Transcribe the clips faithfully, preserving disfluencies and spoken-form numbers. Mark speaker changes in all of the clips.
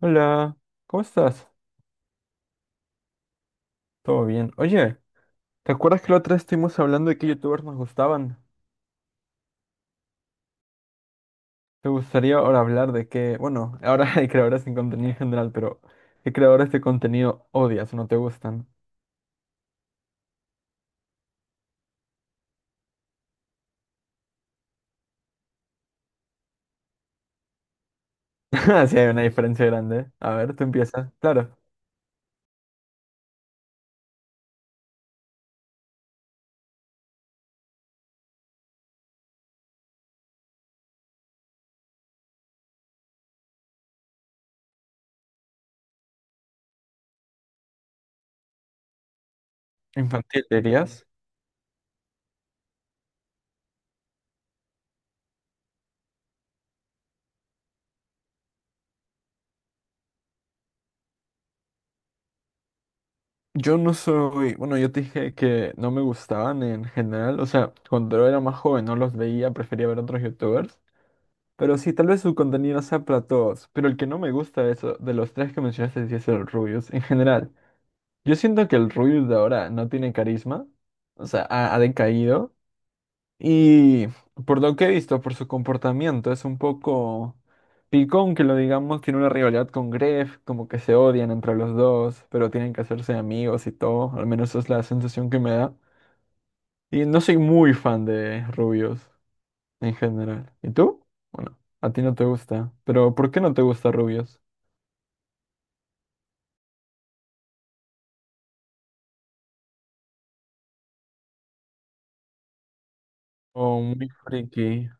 Speaker 1: Hola, ¿cómo estás? ¿Todo bien? Oye, ¿te acuerdas que la otra vez estuvimos hablando de qué youtubers nos gustaban? ¿Te gustaría ahora hablar de qué, bueno, ahora hay creadores sin contenido en general, pero qué creadores de contenido odias o no te gustan? Sí, hay una diferencia grande. A ver, tú empiezas. Claro, infantil, dirías. Yo no soy, bueno, yo te dije que no me gustaban en general, o sea, cuando era más joven no los veía, prefería ver otros youtubers. Pero sí, tal vez su contenido sea para todos, pero el que no me gusta de eso, de los tres que mencionaste, sí es el Rubius en general. Yo siento que el Rubius de ahora no tiene carisma, o sea, ha, ha decaído, y por lo que he visto, por su comportamiento, es un poco picón que lo digamos, tiene una rivalidad con Gref, como que se odian entre los dos, pero tienen que hacerse amigos y todo, al menos esa es la sensación que me da. Y no soy muy fan de Rubius en general. ¿Y tú? Bueno, a ti no te gusta, pero ¿por qué no te gusta rubios? O muy friki,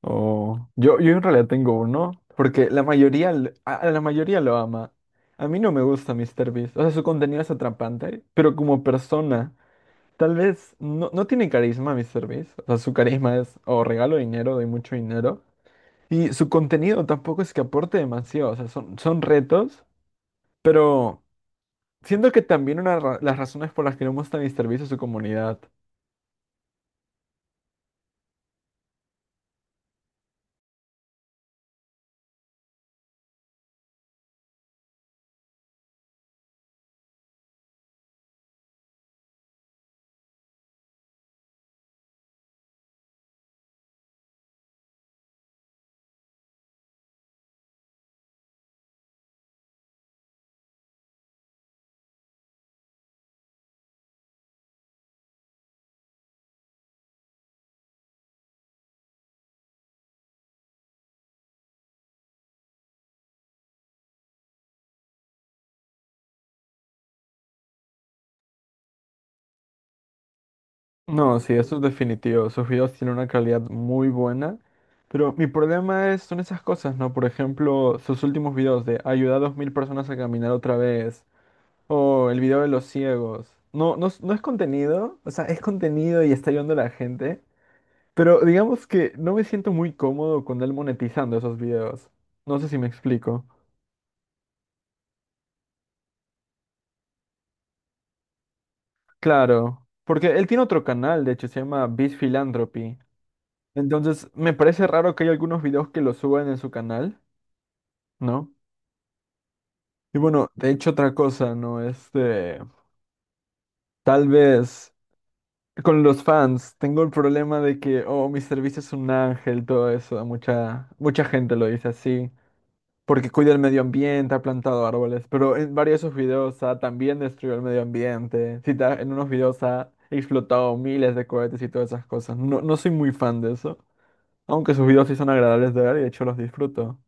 Speaker 1: o... Yo, yo en realidad tengo uno, porque la mayoría, l- a a la mayoría lo ama. A mí no me gusta míster Beast. O sea, su contenido es atrapante, pero como persona, tal vez no, no tiene carisma míster Beast. O sea, su carisma es o regalo dinero, doy mucho dinero, y su contenido tampoco es que aporte demasiado, o sea, son, son retos, pero... Siento que también una ra- las razones por las que no gusta MrBeast es su comunidad. No, sí, eso es definitivo. Sus videos tienen una calidad muy buena. Pero mi problema es, son esas cosas, ¿no? Por ejemplo, sus últimos videos de ayudar a dos mil personas a caminar otra vez. O el video de los ciegos. No, no, es- no es contenido. O sea, es contenido y está ayudando a la gente. Pero digamos que no me siento muy cómodo con él monetizando esos videos. No sé si me explico. Claro. Porque él tiene otro canal, de hecho, se llama Beast Philanthropy. Entonces, me parece raro que hay algunos videos que lo suban en su canal, ¿no? Y bueno, de hecho otra cosa, ¿no? Este, tal vez con los fans tengo el problema de que, oh, mi servicio es un ángel, todo eso, mucha, mucha gente lo dice así, porque cuida el medio ambiente, ha plantado árboles, pero en varios de sus videos ha también destruido el medio ambiente, sí, ta- en unos videos ha explotado miles de cohetes y todas esas cosas. No, no soy muy fan de eso, aunque sus videos sí son agradables de ver y de hecho los disfruto.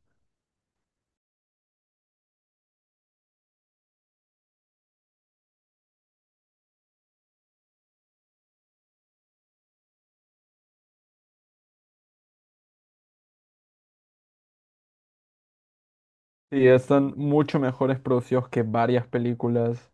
Speaker 1: Sí, están mucho mejores producidos que varias películas.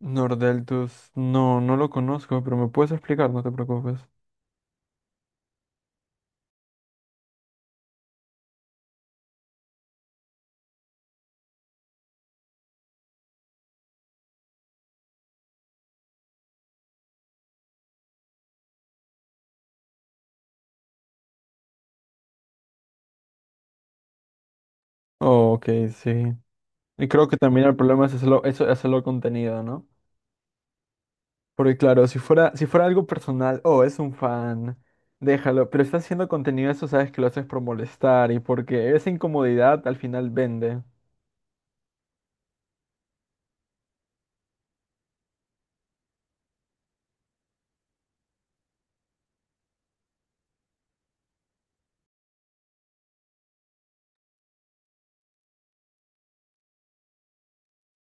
Speaker 1: Nordeltus, no, no lo conozco, pero me puedes explicar, no te preocupes. Oh, ok, sí. Y creo que también el problema es hacerlo, eso, hacerlo contenido, ¿no? Porque claro, si fuera, si fuera algo personal, oh, es un fan, déjalo, pero estás haciendo contenido, eso sabes que lo haces por molestar y porque esa incomodidad al final vende.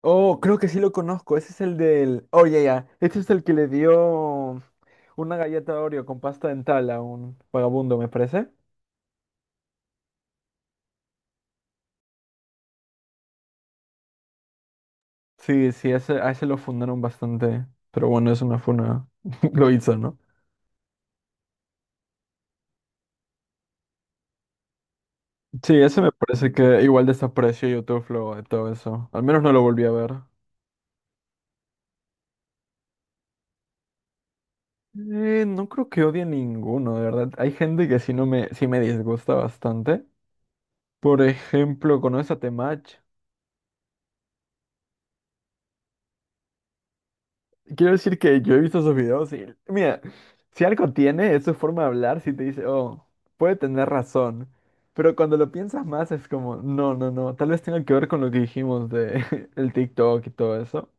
Speaker 1: Oh, creo que sí lo conozco, ese es el del... Oh, ya, ya, este es el que le dio... Una galleta Oreo con pasta dental a un vagabundo, me parece. Sí, sí, ese, a ese lo fundaron bastante. Pero bueno, es una funa. Lo hizo, ¿no? Sí, ese me parece que igual desapareció YouTube luego de todo eso. Al menos no lo volví a ver. Eh, no creo que odie ninguno, de verdad. Hay gente que sí no me, sí me disgusta bastante. Por ejemplo, ¿conoces a Temach? Quiero decir que yo he visto sus videos y, mira, si algo tiene, es su forma de hablar, si te dice, oh, puede tener razón. Pero cuando lo piensas más es como, no, no, no, tal vez tenga que ver con lo que dijimos de el TikTok y todo eso.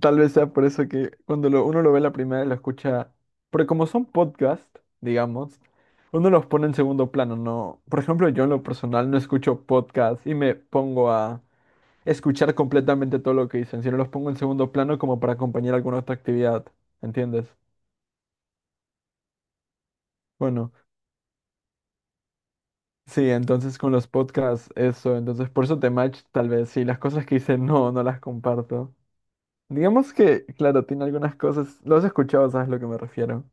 Speaker 1: Tal vez sea por eso que cuando lo- uno lo ve la primera y lo escucha, porque como son podcasts, digamos, uno los pone en segundo plano, ¿no? Por ejemplo, yo en lo personal no escucho podcasts y me pongo a escuchar completamente todo lo que dicen, sino los pongo en segundo plano como para acompañar alguna otra actividad, ¿entiendes? Bueno, sí, entonces con los podcasts, eso, entonces por eso te match tal vez, sí, las cosas que hice no, no las comparto. Digamos que, claro, tiene algunas cosas, lo has escuchado, sabes a lo que me refiero.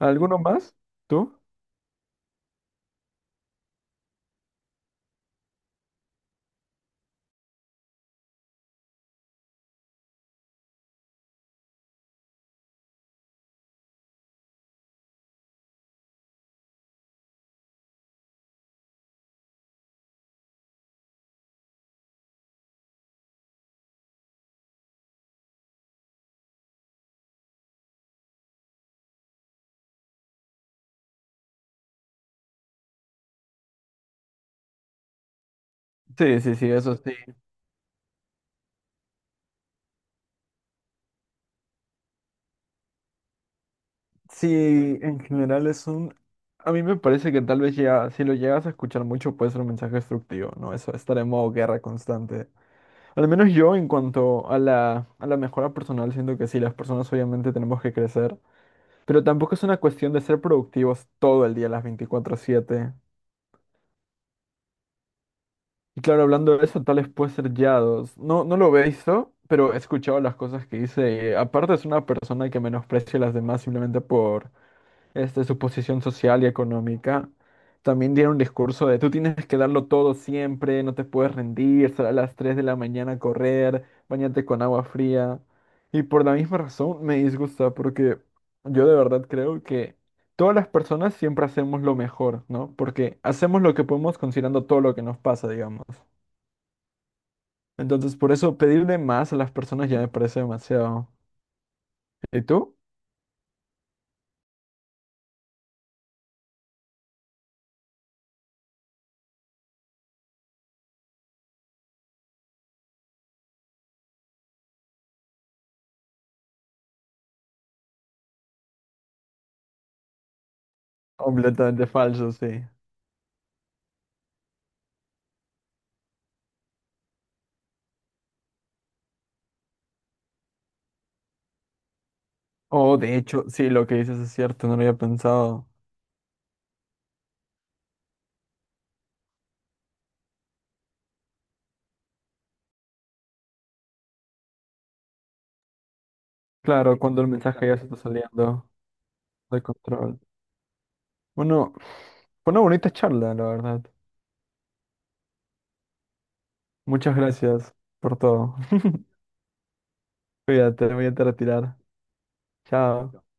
Speaker 1: ¿Alguno más? ¿Tú? Sí, sí, sí, eso sí. Sí, en general es un... A mí me parece que tal vez ya, si lo llegas a escuchar mucho puede ser un mensaje destructivo, ¿no? Eso, estar en modo guerra constante. Al menos yo en cuanto a la, a la mejora personal, siento que sí, las personas obviamente tenemos que crecer, pero tampoco es una cuestión de ser productivos todo el día, las veinticuatro siete. Y claro, hablando de eso, tales vez puede ser Yados. No, no lo he visto, pero he escuchado las cosas que dice. Y, aparte es una persona que menosprecia a las demás simplemente por, este, su posición social y económica, también dieron un discurso de tú tienes que darlo todo siempre, no te puedes rendir, sal a las tres de la mañana a correr, bañate con agua fría. Y por la misma razón me disgusta, porque yo de verdad creo que todas las personas siempre hacemos lo mejor, ¿no? Porque hacemos lo que podemos considerando todo lo que nos pasa, digamos. Entonces, por eso pedirle más a las personas ya me parece demasiado. ¿Y tú? Completamente falso, sí. Oh, de hecho, sí, lo que dices es cierto, no lo había pensado. Claro, cuando el mensaje ya se está saliendo de control. Bueno, fue una bonita charla, la verdad. Muchas gracias por todo. Cuídate, voy a te retirar. Chao.